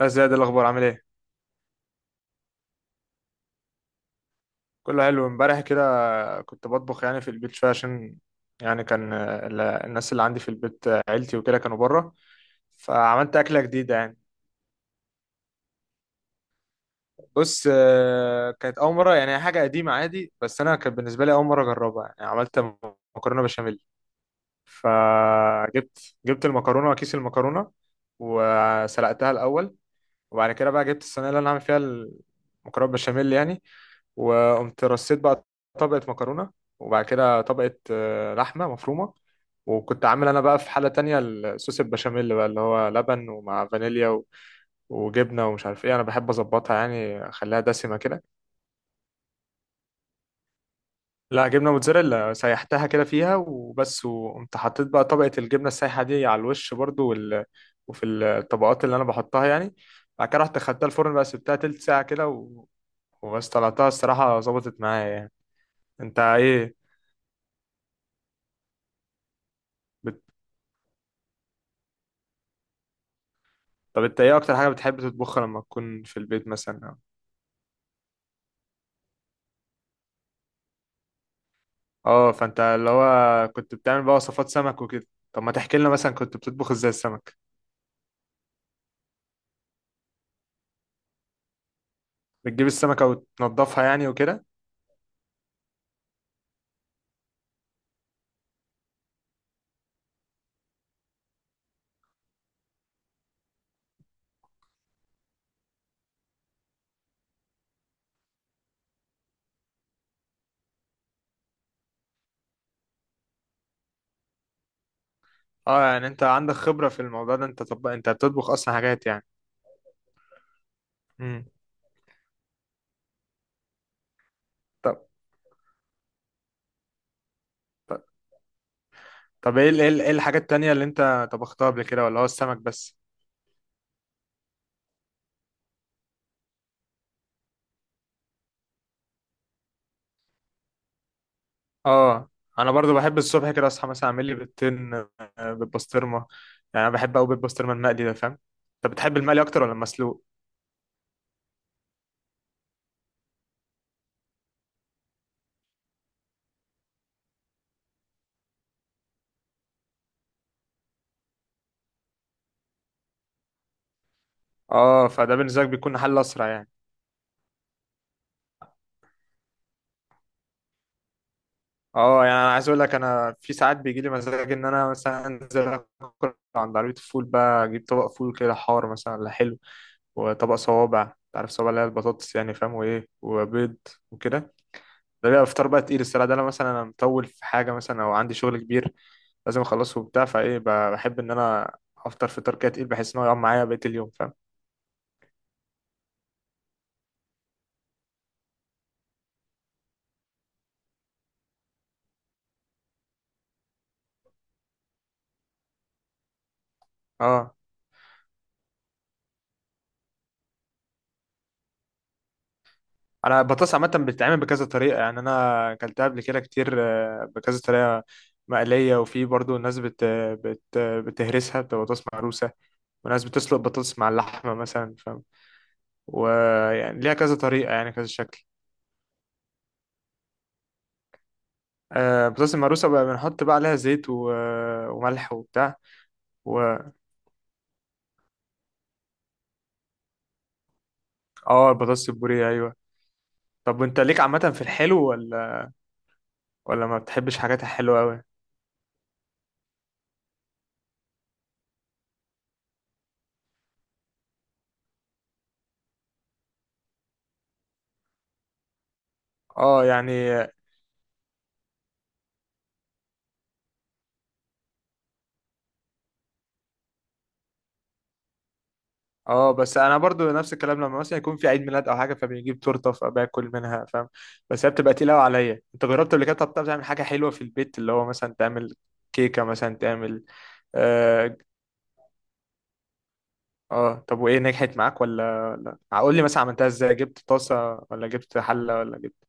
يا زياد، إيه الأخبار؟ عامل إيه؟ كله حلو. امبارح كده كنت بطبخ يعني في البيت شوية، عشان يعني كان الناس اللي عندي في البيت، عيلتي وكده، كانوا بره. فعملت أكلة جديدة يعني. بص، كانت أول مرة. يعني هي حاجة قديمة عادي بس أنا كانت بالنسبة لي أول مرة أجربها. يعني عملت مكرونة بشاميل. فجبت المكرونة وكيس المكرونة، وسلقتها الأول. وبعد كده بقى جبت الصينيه اللي انا عامل فيها المكرونه بشاميل يعني، وقمت رصيت بقى طبقه مكرونه، وبعد كده طبقه لحمه مفرومه. وكنت عامل انا بقى في حله تانية الصوص البشاميل بقى، اللي هو لبن ومع فانيليا وجبنه ومش عارف ايه. انا بحب اظبطها يعني، اخليها دسمه كده. لا، جبنه موتزاريلا سيحتها كده فيها وبس، وقمت حطيت بقى طبقه الجبنه السايحه دي على الوش برضو، وفي الطبقات اللي انا بحطها يعني. بعد كده رحت خدتها الفرن بقى، سبتها تلت ساعه كده وبس. طلعتها، الصراحة ظبطت معايا يعني. انت ايه بت... طب انت ايه اكتر حاجة بتحب تطبخها لما تكون في البيت مثلا؟ اه، فانت اللي هو كنت بتعمل بقى وصفات سمك وكده. طب ما تحكي لنا مثلا كنت بتطبخ ازاي السمك؟ بتجيب السمكة وتنضفها يعني وكده؟ اه، يعني انت عندك خبرة في الموضوع ده. انت طب انت بتطبخ اصلا حاجات يعني؟ امم. طب. طب. طب، ايه ايه ايه الحاجات التانية اللي انت طبختها قبل كده، ولا هو السمك بس؟ اه، انا برضو بحب الصبح كده اصحى، مثلا اعمل لي بيضتين بالبسطرمه. يعني انا بحب قوي بيض بسطرمه المقلي ده، فاهم؟ انت بتحب المقلي اكتر ولا المسلوق؟ اه، فده بالنسبه لك بيكون حل اسرع يعني. اه، يعني انا عايز اقول لك، انا في ساعات بيجي لي مزاج ان انا مثلا انزل اكل عند عربيه الفول بقى، اجيب طبق فول كده حار مثلا ولا حلو، وطبق صوابع، انت عارف صوابع اللي هي البطاطس يعني، فاهم، وايه وبيض وكده. ده بيبقى فطار بقى تقيل، الصراحة ده انا مثلا انا مطول في حاجة مثلا او عندي شغل كبير لازم اخلصه وبتاع، فايه بحب ان انا افطر فطار كده، تقيل بحيث ان هو يقعد معايا بقية اليوم، فاهم. اه، انا البطاطس عامة بتتعمل بكذا طريقة، يعني انا اكلتها قبل كده كتير، بكذا طريقة، مقلية، وفي برضو الناس بتهرسها، بتبقى بطاطس مهروسة، وناس بتسلق بطاطس مع اللحمة مثلا، فاهم. ويعني ليها كذا طريقة يعني كذا شكل. البطاطس المهروسة بقى بنحط بقى عليها زيت وملح وبتاع. اه، البطاطس البوريه، ايوه. طب وانت ليك عامه في الحلو ولا؟ ولا ما بتحبش حاجات الحلوه قوي؟ اه يعني. اه، بس انا برضو نفس الكلام، لما مثلا يكون في عيد ميلاد او حاجه فبنجيب تورته فباكل منها، فاهم. بس هي بتبقى تقيله قوي عليا. انت جربت قبل كده؟ طب بتعرف تعمل حاجه حلوه في البيت، اللي هو مثلا تعمل كيكه مثلا تعمل؟ اه. آه. طب وايه، نجحت معاك ولا؟ لا، قول لي مثلا عملتها ازاي؟ جبت طاسه ولا جبت حله ولا جبت؟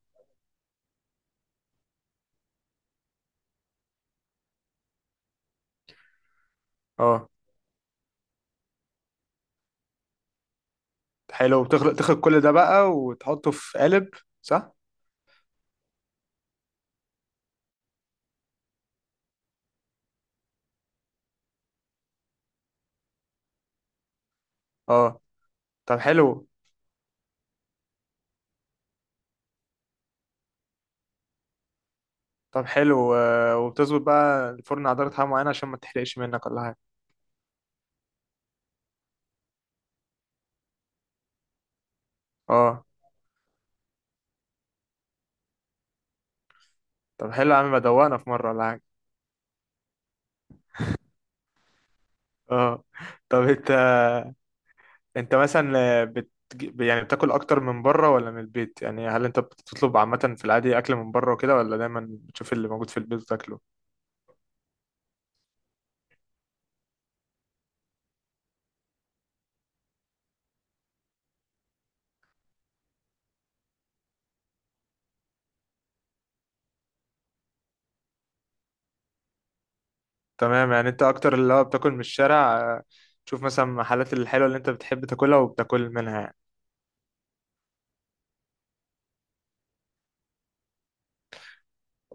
اه، حلو. بتخلط كل ده بقى وتحطه في قالب، صح؟ اه، طب حلو. طب حلو، وبتظبط بقى الفرن على درجة حرارة معينة عشان ما تحرقش منك ولا حاجة؟ اه. طب حلو يا عم، بدوقنا في مرة ولا حاجة؟ اه. طب انت مثلا يعني بتاكل اكتر من بره ولا من البيت؟ يعني هل انت بتطلب عامة في العادي اكل من بره وكده، ولا دايما بتشوف اللي موجود في البيت وتاكله؟ تمام. يعني انت اكتر اللي هو بتاكل من الشارع، تشوف مثلا المحلات الحلوة اللي انت بتحب تاكلها وبتاكل منها يعني.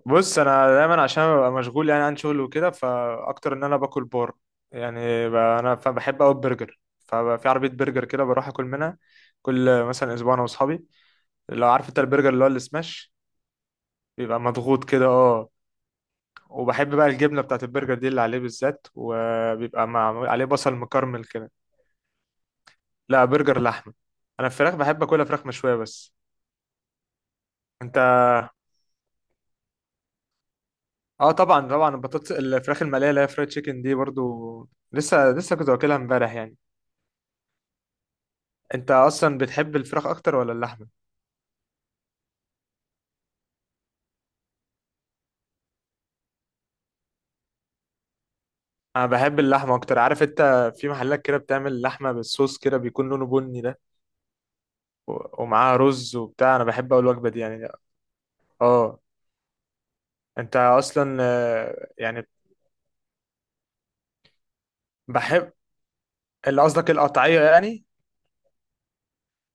بص، انا دايما عشان ببقى مشغول يعني عن شغل وكده، فاكتر ان انا باكل بار يعني. انا بحب اوي البرجر، ففي عربيه برجر كده بروح اكل منها كل مثلا اسبوع انا واصحابي. لو عارف انت البرجر اللي هو السماش، بيبقى مضغوط كده. اه. وبحب بقى الجبنه بتاعت البرجر دي اللي عليه بالذات، وبيبقى مع عليه بصل مكرمل كده. لا، برجر لحمه. انا الفراخ بحب اكلها فراخ مشويه بس. انت؟ اه، طبعا طبعا. البطاطس، الفراخ المقليه اللي هي فرايد تشيكن دي برضو، لسه لسه كنت واكلها امبارح يعني. انت اصلا بتحب الفراخ اكتر ولا اللحمه؟ انا بحب اللحمه اكتر، عارف انت، في محلات كده بتعمل لحمه بالصوص كده بيكون لونه بني ده، ومعاها رز وبتاع. انا بحب اول الوجبه دي يعني. اه. انت اصلا يعني بحب اللي قصدك القطعيه يعني؟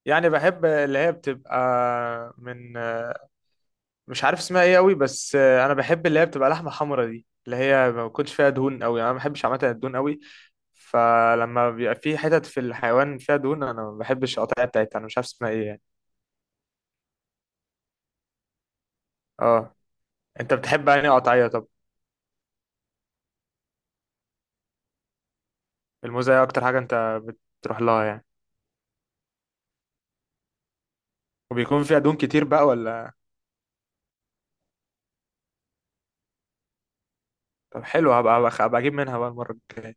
يعني بحب اللي هي بتبقى من مش عارف اسمها ايه قوي بس، انا بحب اللي هي بتبقى لحمه حمرا دي، اللي هي ما بيكونش فيها دهون قوي، انا ما بحبش عامه الدهون قوي. فلما بيبقى في حتت في الحيوان فيها دهون، انا ما بحبش القطعيه بتاعتها، انا مش عارف اسمها ايه يعني. اه. انت بتحب يعني قطعيه طب الموزاية اكتر حاجه انت بتروح لها يعني؟ وبيكون فيها دهون كتير بقى ولا؟ طب حلو. هبقى اجيب منها بقى المره الجايه.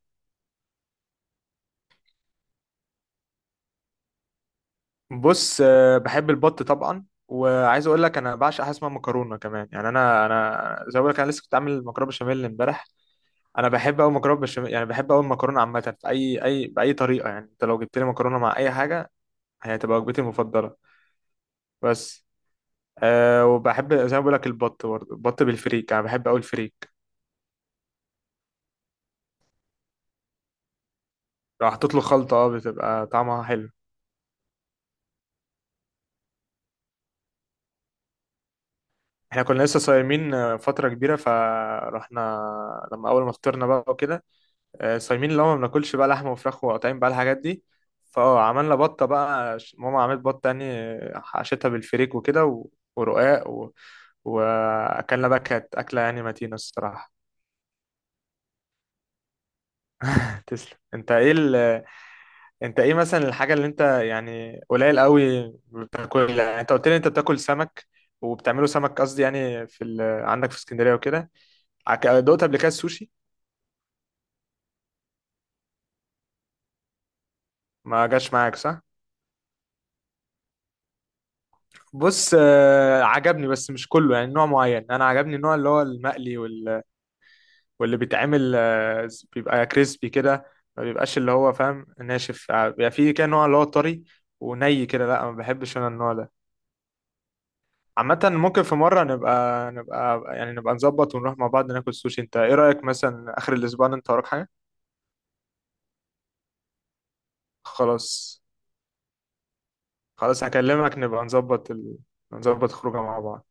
بص، بحب البط طبعا. وعايز اقول لك، انا بعشق حاجه اسمها مكرونه كمان يعني. انا زي ما بقول لك، انا لسه كنت عامل مكرونه بشاميل امبارح. انا بحب قوي مكرونه بشاميل. يعني بحب قوي المكرونه عامه في اي باي طريقه يعني. انت لو جبت لي مكرونه مع اي حاجه، هي هتبقى وجبتي المفضله. بس وبحب زي ما بقول لك البط. برضه البط بالفريك، انا بحب قوي الفريك. لو حطيت له خلطه بتبقى طعمها حلو. احنا كنا لسه صايمين فتره كبيره، فرحنا لما اول ما فطرنا بقى وكده. صايمين اللي هو ما بناكلش بقى لحمه وفراخ وقطعين بقى الحاجات دي. عملنا بطه بقى، ماما عملت بطه يعني، حشتها بالفريك وكده ورقاق واكلنا بقى. كانت اكله يعني متينه الصراحه. تسلم. انت ايه مثلا الحاجة اللي انت يعني قليل قوي بتاكلها؟ يعني انت قلت لي انت بتاكل سمك وبتعمله سمك، قصدي يعني في عندك في اسكندرية وكده. دقت قبل كده السوشي؟ ما جاش معاك صح؟ بص، عجبني بس مش كله، يعني نوع معين انا عجبني، النوع اللي هو المقلي واللي بيتعمل بيبقى كريسبي كده. ما بيبقاش اللي هو، فاهم، ناشف، بيبقى فيه كده نوع اللي هو طري وني كده. لا ما بحبش انا النوع ده. عامة ممكن في مرة نبقى يعني نبقى نظبط ونروح مع بعض ناكل سوشي. انت ايه رأيك مثلا، اخر الاسبوع ده انت وراك حاجة؟ خلاص. خلاص، هكلمك نبقى نظبط نظبط خروجه مع بعض.